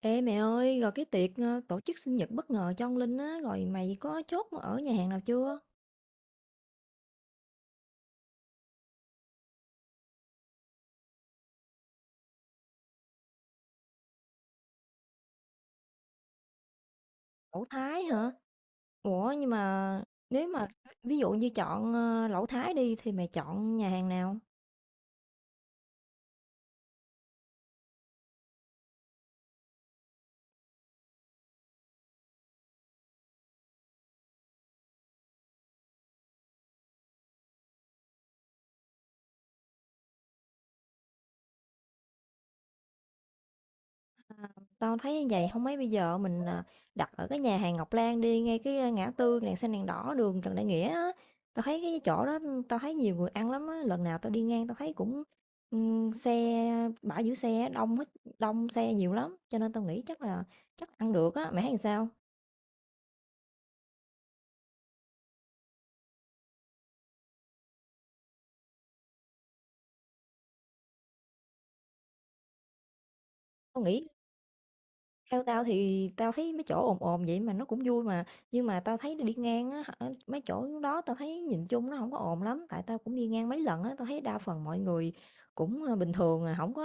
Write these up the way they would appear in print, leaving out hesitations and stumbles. Ê mẹ ơi, rồi cái tiệc tổ chức sinh nhật bất ngờ cho ông Linh á, rồi mày có chốt ở nhà hàng nào chưa? Lẩu Thái hả? Ủa nhưng mà nếu mà ví dụ như chọn lẩu Thái đi thì mày chọn nhà hàng nào? Tao thấy như vậy không mấy, bây giờ mình đặt ở cái nhà hàng Ngọc Lan đi, ngay cái ngã tư đèn xanh đèn đỏ đường Trần Đại Nghĩa á. Tao thấy cái chỗ đó, tao thấy nhiều người ăn lắm á, lần nào tao đi ngang tao thấy cũng ừ, xe, bãi giữ xe đông hết, đông xe nhiều lắm, cho nên tao nghĩ chắc là chắc ăn được á, mày thấy làm sao? Tao nghĩ, theo tao thì tao thấy mấy chỗ ồn ồn vậy mà nó cũng vui mà, nhưng mà tao thấy đi ngang á hả, mấy chỗ đó tao thấy nhìn chung nó không có ồn lắm, tại tao cũng đi ngang mấy lần á, tao thấy đa phần mọi người cũng, bình thường à, không có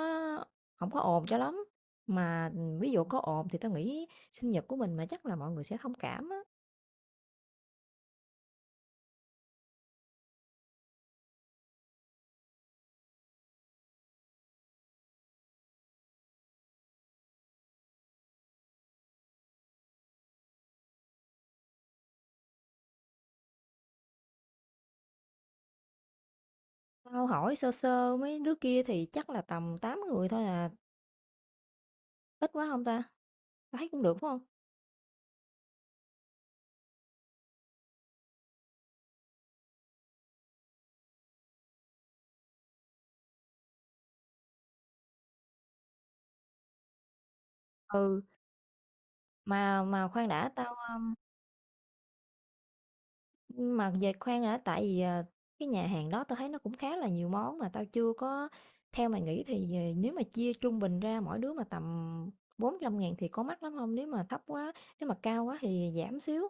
không có ồn cho lắm. Mà, ví dụ có ồn thì tao nghĩ sinh nhật của mình mà chắc là mọi người sẽ thông cảm á. Tao hỏi sơ sơ mấy đứa kia thì chắc là tầm 8 người thôi à, ít quá không ta? Tao thấy cũng được, phải hông? Ừ. Mà khoan đã, tao, mà về khoan đã, tại vì, cái nhà hàng đó tao thấy nó cũng khá là nhiều món mà tao chưa có, theo mày nghĩ thì, nếu mà chia trung bình ra mỗi đứa mà tầm 400.000 thì có mắc lắm không? Nếu mà thấp quá, nếu mà cao quá thì giảm xíu,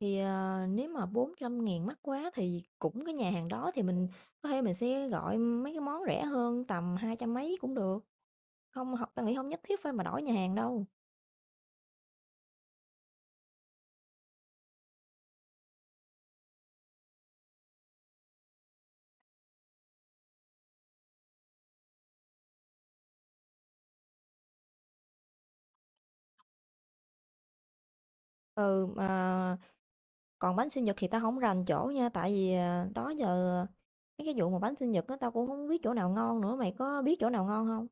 thì, nếu mà 400.000 mắc quá thì cũng cái nhà hàng đó thì mình có thể mình sẽ gọi mấy cái món rẻ hơn tầm 200 mấy cũng được, không h tao nghĩ không nhất thiết phải mà đổi nhà hàng đâu. Ừ, mà còn bánh sinh nhật thì tao không rành chỗ nha, tại vì, à, đó giờ mấy cái vụ mà bánh sinh nhật á, tao cũng không biết chỗ nào ngon nữa, mày có biết chỗ nào ngon không?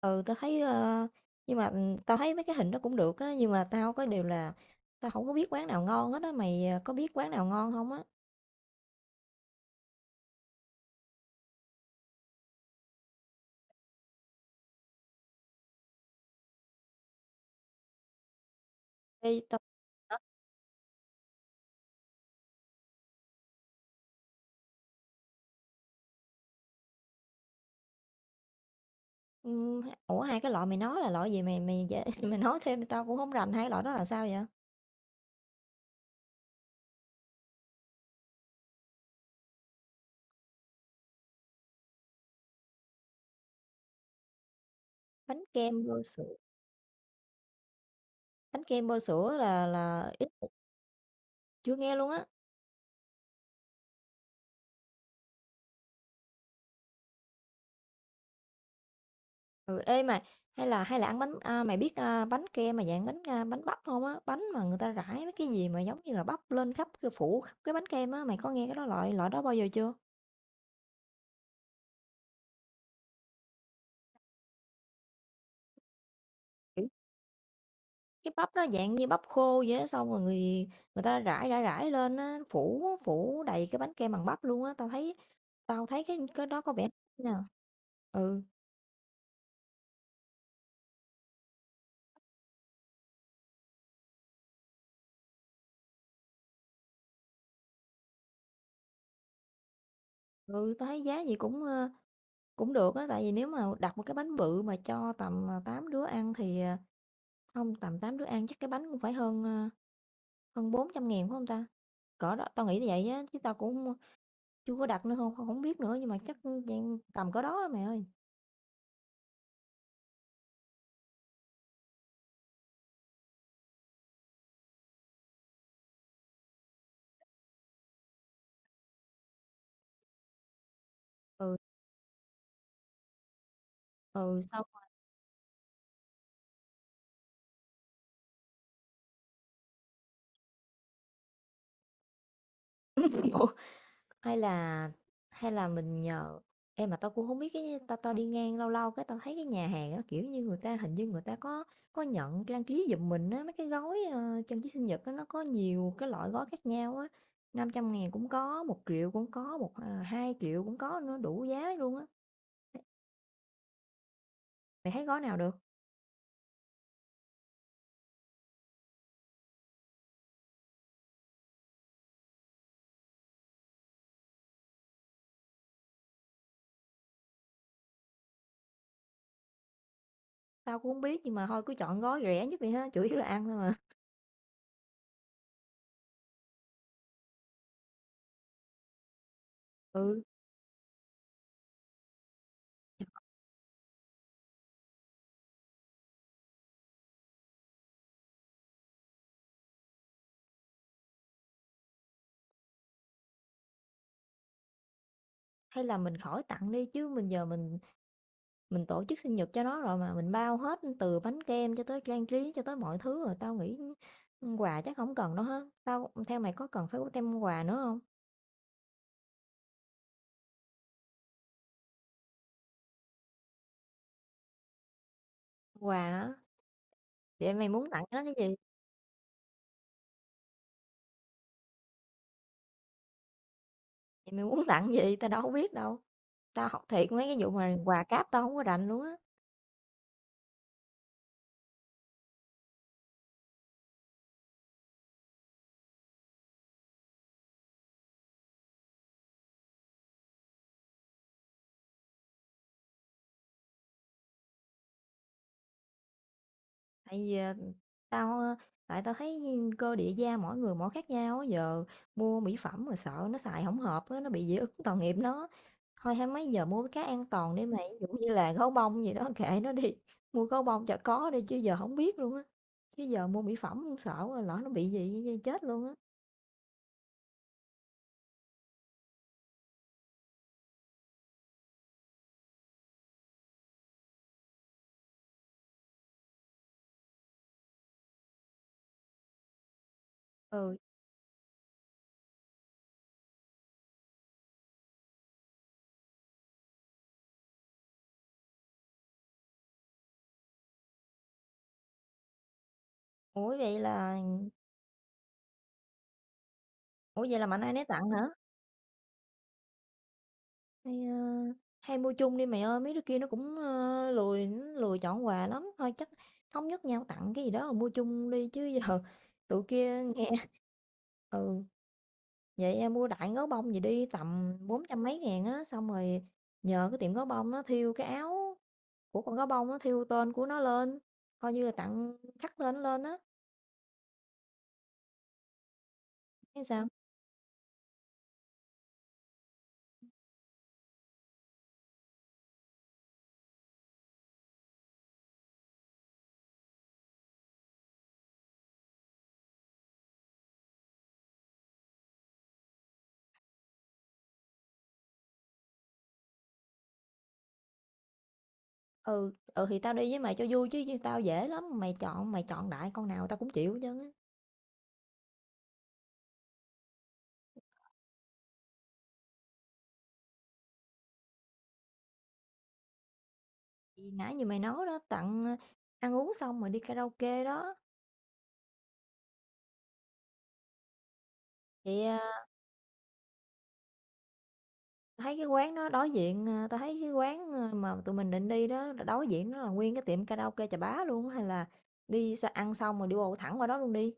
Ừ, tao thấy, nhưng mà, tao thấy mấy cái hình đó cũng được á, nhưng mà tao có điều là tao không có biết quán nào ngon hết á, mày, à, có biết quán nào ngon không á? Ê, tao hả? Ủa, hai cái loại mày nói là loại gì, mày mày dễ mày nói thêm tao cũng không rành, hai cái loại đó là sao vậy? Bánh kem bơ sữa, Bánh kem bơ sữa là ít, chưa nghe luôn á. Ừ, ê mà hay là ăn bánh à, mày biết à, bánh kem mà dạng bánh à, bánh bắp không á, bánh mà người ta rải mấy cái gì mà giống như là bắp lên khắp cái, phủ khắp cái bánh kem á, mày có nghe cái đó, loại loại đó bao giờ chưa? Kiểu cái bắp nó dạng như bắp khô vậy á, xong rồi người người ta rải rải rải lên á, phủ phủ đầy cái bánh kem bằng bắp luôn á, tao thấy, tao thấy cái đó có vẻ nè. Ừ ừ, tao thấy giá gì cũng cũng được á, tại vì nếu mà đặt một cái bánh bự mà cho tầm 8 đứa ăn thì không, tầm 8 đứa ăn chắc cái bánh cũng phải hơn à, hơn 400.000 phải không ta? Cỡ đó, tao nghĩ là vậy á, chứ tao cũng chưa có đặt nữa, không, không biết nữa, nhưng mà chắc, dạng tầm cỡ đó á mày ơi. Ừ, ừ, xong. Ủa, hay là hay là mình nhờ em, mà tao cũng không biết cái, tao tao đi ngang lâu lâu cái tao thấy cái nhà hàng nó kiểu như, người ta hình như người ta có nhận đăng ký giùm mình á, mấy cái gói, trang trí sinh nhật á, nó có nhiều cái loại gói khác nhau á, 500.000 cũng có, 1 triệu cũng có, một, à, 2.000 cũng có nữa, đủ giá luôn á. Mày thấy gói nào được? Tao cũng hông biết, nhưng mà thôi cứ chọn gói rẻ nhất đi ha, chủ yếu là ăn thôi mà. Ừ, hay là mình khỏi tặng đi, chứ mình giờ mình tổ chức sinh nhật cho nó rồi mà, mình bao hết từ bánh kem cho tới trang trí cho tới mọi thứ rồi, tao nghĩ, quà chắc không cần đâu ha. Tao, theo mày có cần phải có thêm quà nữa không? Quà hả? Vậy mày muốn tặng nó cái gì? Vậy mày muốn tặng gì? Tao đâu có biết đâu. Tao học thiệt, mấy cái vụ mà quà cáp tao không có rành luôn á, tại vì, tao, tại tao thấy cơ địa da mỗi người mỗi khác nhau á, giờ mua mỹ phẩm mà sợ nó xài không hợp á, nó bị dị ứng tội nghiệp nó. Thôi hay mấy giờ mua cái an toàn đi mày, ví dụ như là gấu bông gì đó kệ nó đi, mua gấu bông cho có đi chứ giờ không biết luôn á. Chứ giờ mua mỹ phẩm cũng sợ lỡ nó bị gì chết luôn á. Ừ, ủa vậy là, ủa vậy là mạnh ai nấy tặng hả? Hay, a, hay mua chung đi mày ơi, mấy đứa kia nó cũng, lười, nó lười chọn quà lắm, thôi chắc thống nhất nhau tặng cái gì đó rồi mua chung đi chứ, giờ tụi kia nghe. Ừ, vậy, em mua đại gấu bông gì đi tầm 400 mấy ngàn á, xong rồi nhờ cái tiệm gấu bông nó thiêu cái áo của con gấu bông, nó thiêu tên của nó lên, coi như là tặng khắc tên nó lên á, thấy sao? Ừ, ừ, thì tao đi với mày cho vui chứ tao dễ lắm, mày chọn, mày chọn đại con nào tao cũng chịu chứ. Thì nãy như mày nói đó, tặng, ăn uống xong rồi đi karaoke đó, thì, thấy cái quán đó đối diện, tao thấy cái quán, mà tụi mình định đi đó, đối diện nó là nguyên cái tiệm karaoke Chà Bá luôn á, hay là đi ăn xong rồi đi bộ thẳng qua đó luôn đi.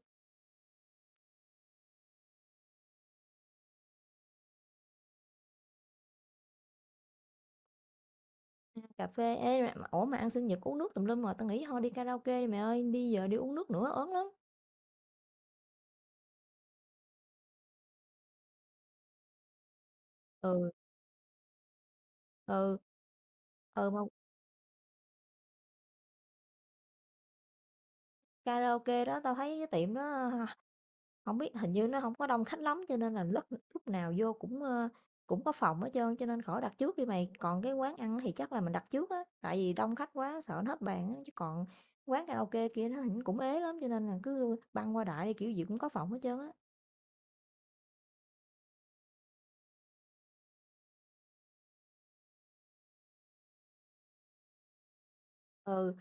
Ờ, cà phê. Ê, mà ủa, mà ăn sinh nhật uống nước tùm lum rồi, tao nghĩ thôi đi karaoke đi mày ơi, đi giờ đi uống nước nữa ớn lắm. Ừ, ừ. Ừ, mà karaoke đó tao thấy cái tiệm đó không biết, hình như nó không có đông khách lắm, cho nên là lúc lúc nào vô cũng có phòng hết trơn, cho nên khỏi đặt trước đi mày. Còn cái quán ăn thì chắc là mình đặt trước á, tại vì đông khách quá sợ nó hết bàn á, chứ còn quán karaoke kia nó hình cũng ế lắm, cho nên là cứ băng qua đại đi, kiểu gì cũng có phòng hết trơn á. Ừ.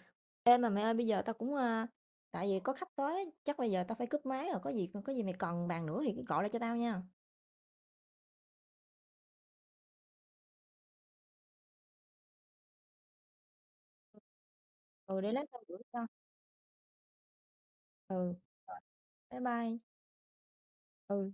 Ê, mà mẹ ơi, bây giờ tao cũng, tại vì có khách tới á, chắc bây giờ tao phải cúp máy rồi, có gì, có gì mày cần bàn nữa thì cứ gọi lại cho tao nha. Ừ, để lát tao gửi cho. Ừ. Rồi. Bye bye. Ừ.